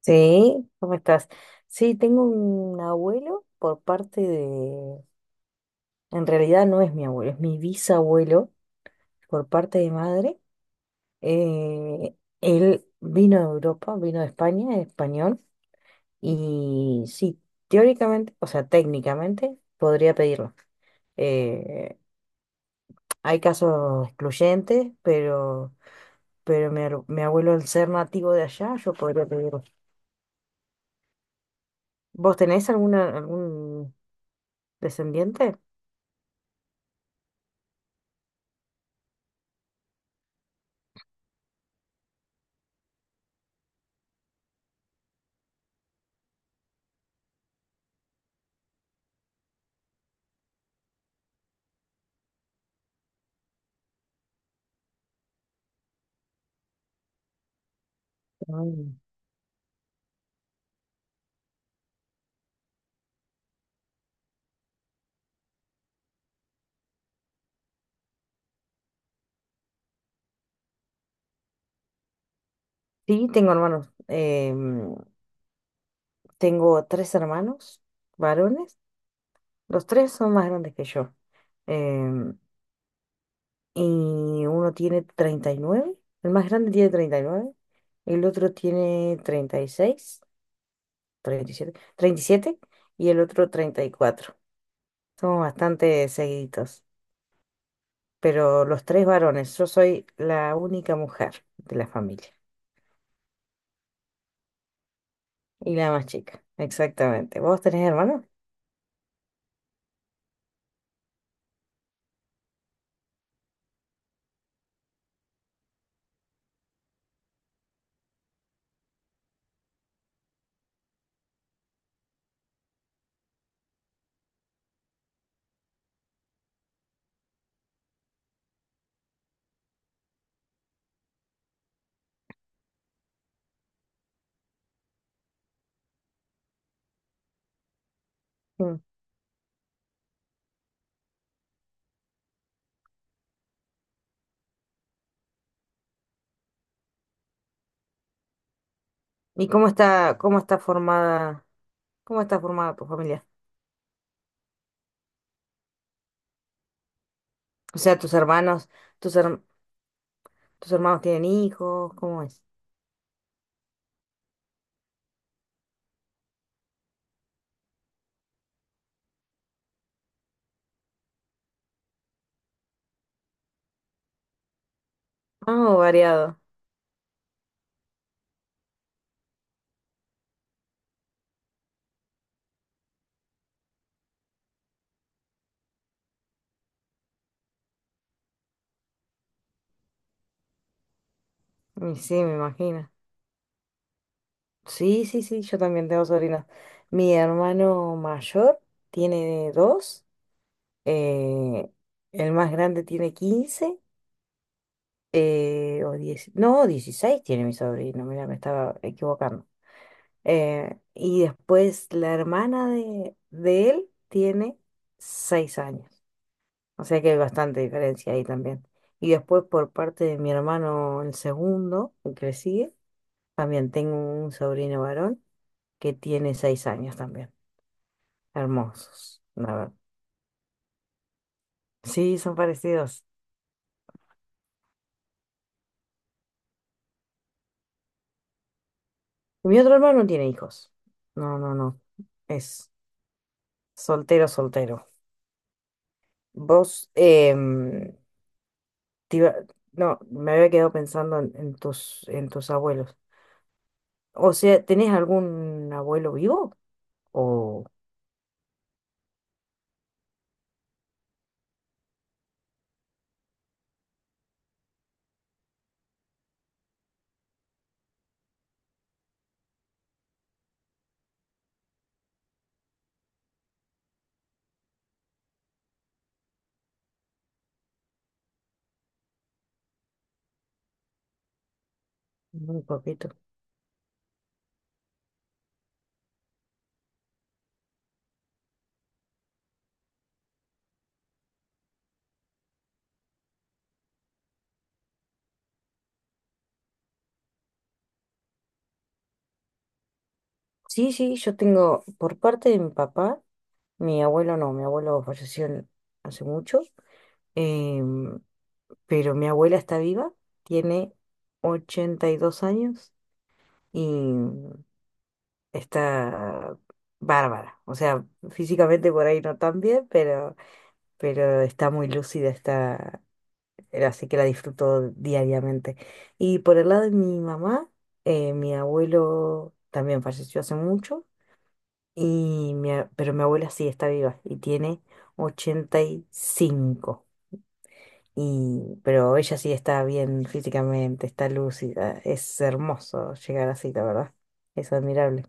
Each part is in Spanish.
Sí, ¿cómo estás? Sí, tengo un abuelo por parte de... En realidad no es mi abuelo, es mi bisabuelo por parte de madre. Eh, Él vino de Europa, vino de España, es español, y sí, teóricamente, o sea, técnicamente podría pedirlo. Eh, Hay casos excluyentes, pero mi abuelo al ser nativo de allá, yo podría pedirlo. ¿Vos tenés alguna, algún descendiente? Mm. Sí, tengo hermanos. Tengo tres hermanos varones. Los tres son más grandes que yo. em, y uno tiene 39. El más grande tiene 39. El otro tiene 36, 37 y el otro 34. Somos bastante seguiditos. Pero los tres varones. Yo soy la única mujer de la familia. Y la más chica. Exactamente. ¿Vos tenés hermanos? Mm. ¿Y cómo está formada? ¿Cómo está formada tu familia? O sea, tus hermanos, tus herm- tus hermanos tienen hijos, ¿cómo es? Ah, variado. Y sí, me imagino. Sí, sí, sí, yo también tengo sobrinos. Mi hermano mayor tiene dos. eh, el más grande tiene 15, o 10. No, 16 tiene mi sobrino, mira, me estaba equivocando. Y después la hermana de él tiene 6 años. O sea que hay bastante diferencia ahí también. Y después por parte de mi hermano, el segundo, el que le sigue, también tengo un sobrino varón que tiene 6 años también. Hermosos, la verdad. Sí, son parecidos. Mi otro hermano no tiene hijos. No, no, no. Es soltero, soltero. Vos, te iba- no, me había quedado pensando en tus abuelos. O sea, ¿tenés algún abuelo vivo? O muy poquito. Sí, sí, yo tengo por parte de mi papá, mi abuelo no, mi abuelo falleció hace mucho. Em, pero mi abuela está viva, tiene 82 años y está bárbara. O sea, físicamente por ahí no tan bien, pero está muy lúcida, está, así que la disfruto diariamente. Y por el lado de mi mamá, mi abuelo también falleció hace mucho. Pero mi abuela sí está viva y tiene 85. Y, cinco. Y pero ella sí está bien físicamente, está lúcida. Es hermoso llegar así, la verdad. Es admirable.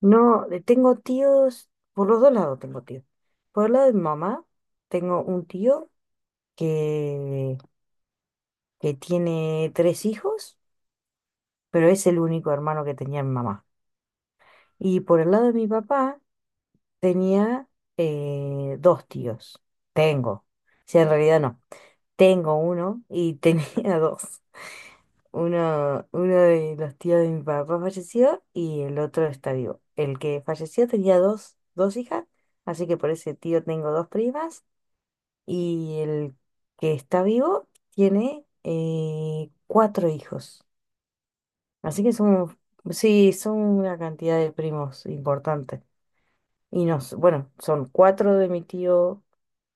No, tengo tíos, por los dos lados tengo tíos. Por el lado de mi mamá, tengo un tío que, que tiene tres hijos, pero es el único hermano que tenía mi mamá. Y por el lado de mi papá, tenía dos tíos. Tengo. Si en realidad no. Tengo uno y tenía dos. Uno de los tíos de mi papá falleció y el otro está vivo. El que falleció tenía dos hijas, así que por ese tío tengo dos primas. Y el que está vivo tiene cuatro hijos. Así que son, sí, son una cantidad de primos importante. Y bueno, son cuatro de mi tío,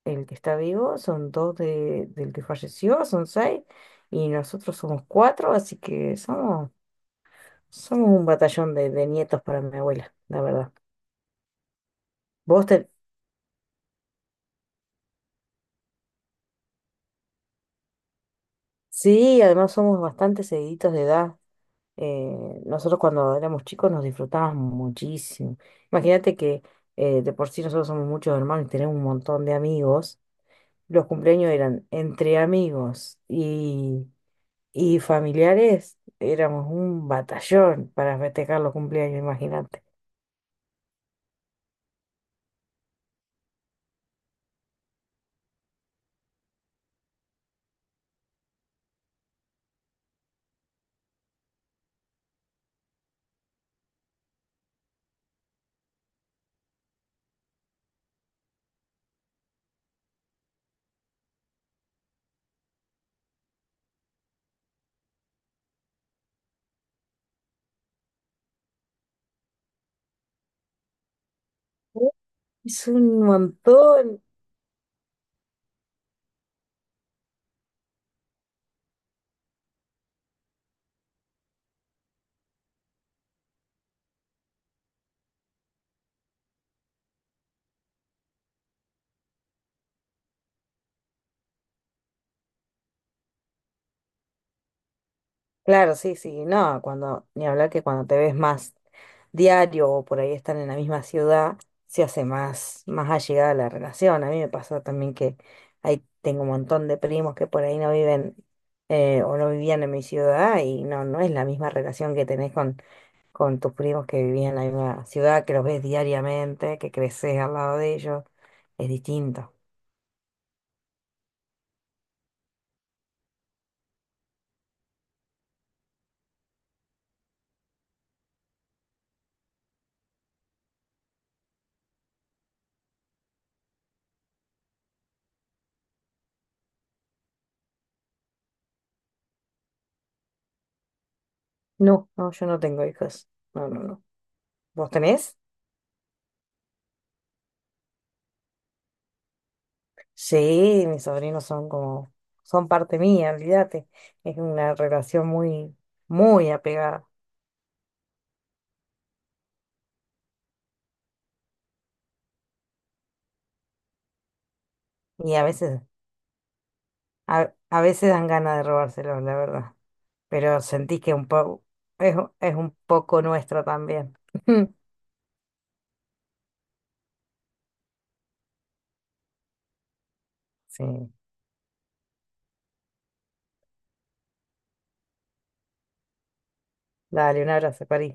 el que está vivo, son dos del que falleció, son seis, y nosotros somos cuatro, así que somos un batallón de nietos para mi abuela, la verdad. Vos te... Sí, además somos bastante seguiditos de edad. Nosotros cuando éramos chicos nos disfrutábamos muchísimo. Imagínate que de por sí nosotros somos muchos hermanos y tenemos un montón de amigos. Los cumpleaños eran entre amigos y familiares, éramos un batallón para festejar los cumpleaños, imagínate. Es un montón. Claro, sí, sí, no, cuando, ni hablar que cuando te ves más diario o por ahí están en la misma ciudad, se hace más, más allegada la relación. A mí me pasó también que ahí tengo un montón de primos que por ahí no viven, o no vivían en mi ciudad y no, no es la misma relación que tenés con tus primos que vivían en la misma ciudad, que los ves diariamente, que creces al lado de ellos, es distinto. No, no, yo no tengo hijos. No, no, no. ¿Vos tenés? Sí, mis sobrinos son como, son parte mía, olvídate. Es una relación muy, muy apegada. Y a veces dan ganas de robárselos, la verdad. Pero sentís que un poco, es un poco nuestro también. Sí. Dale, un abrazo, París.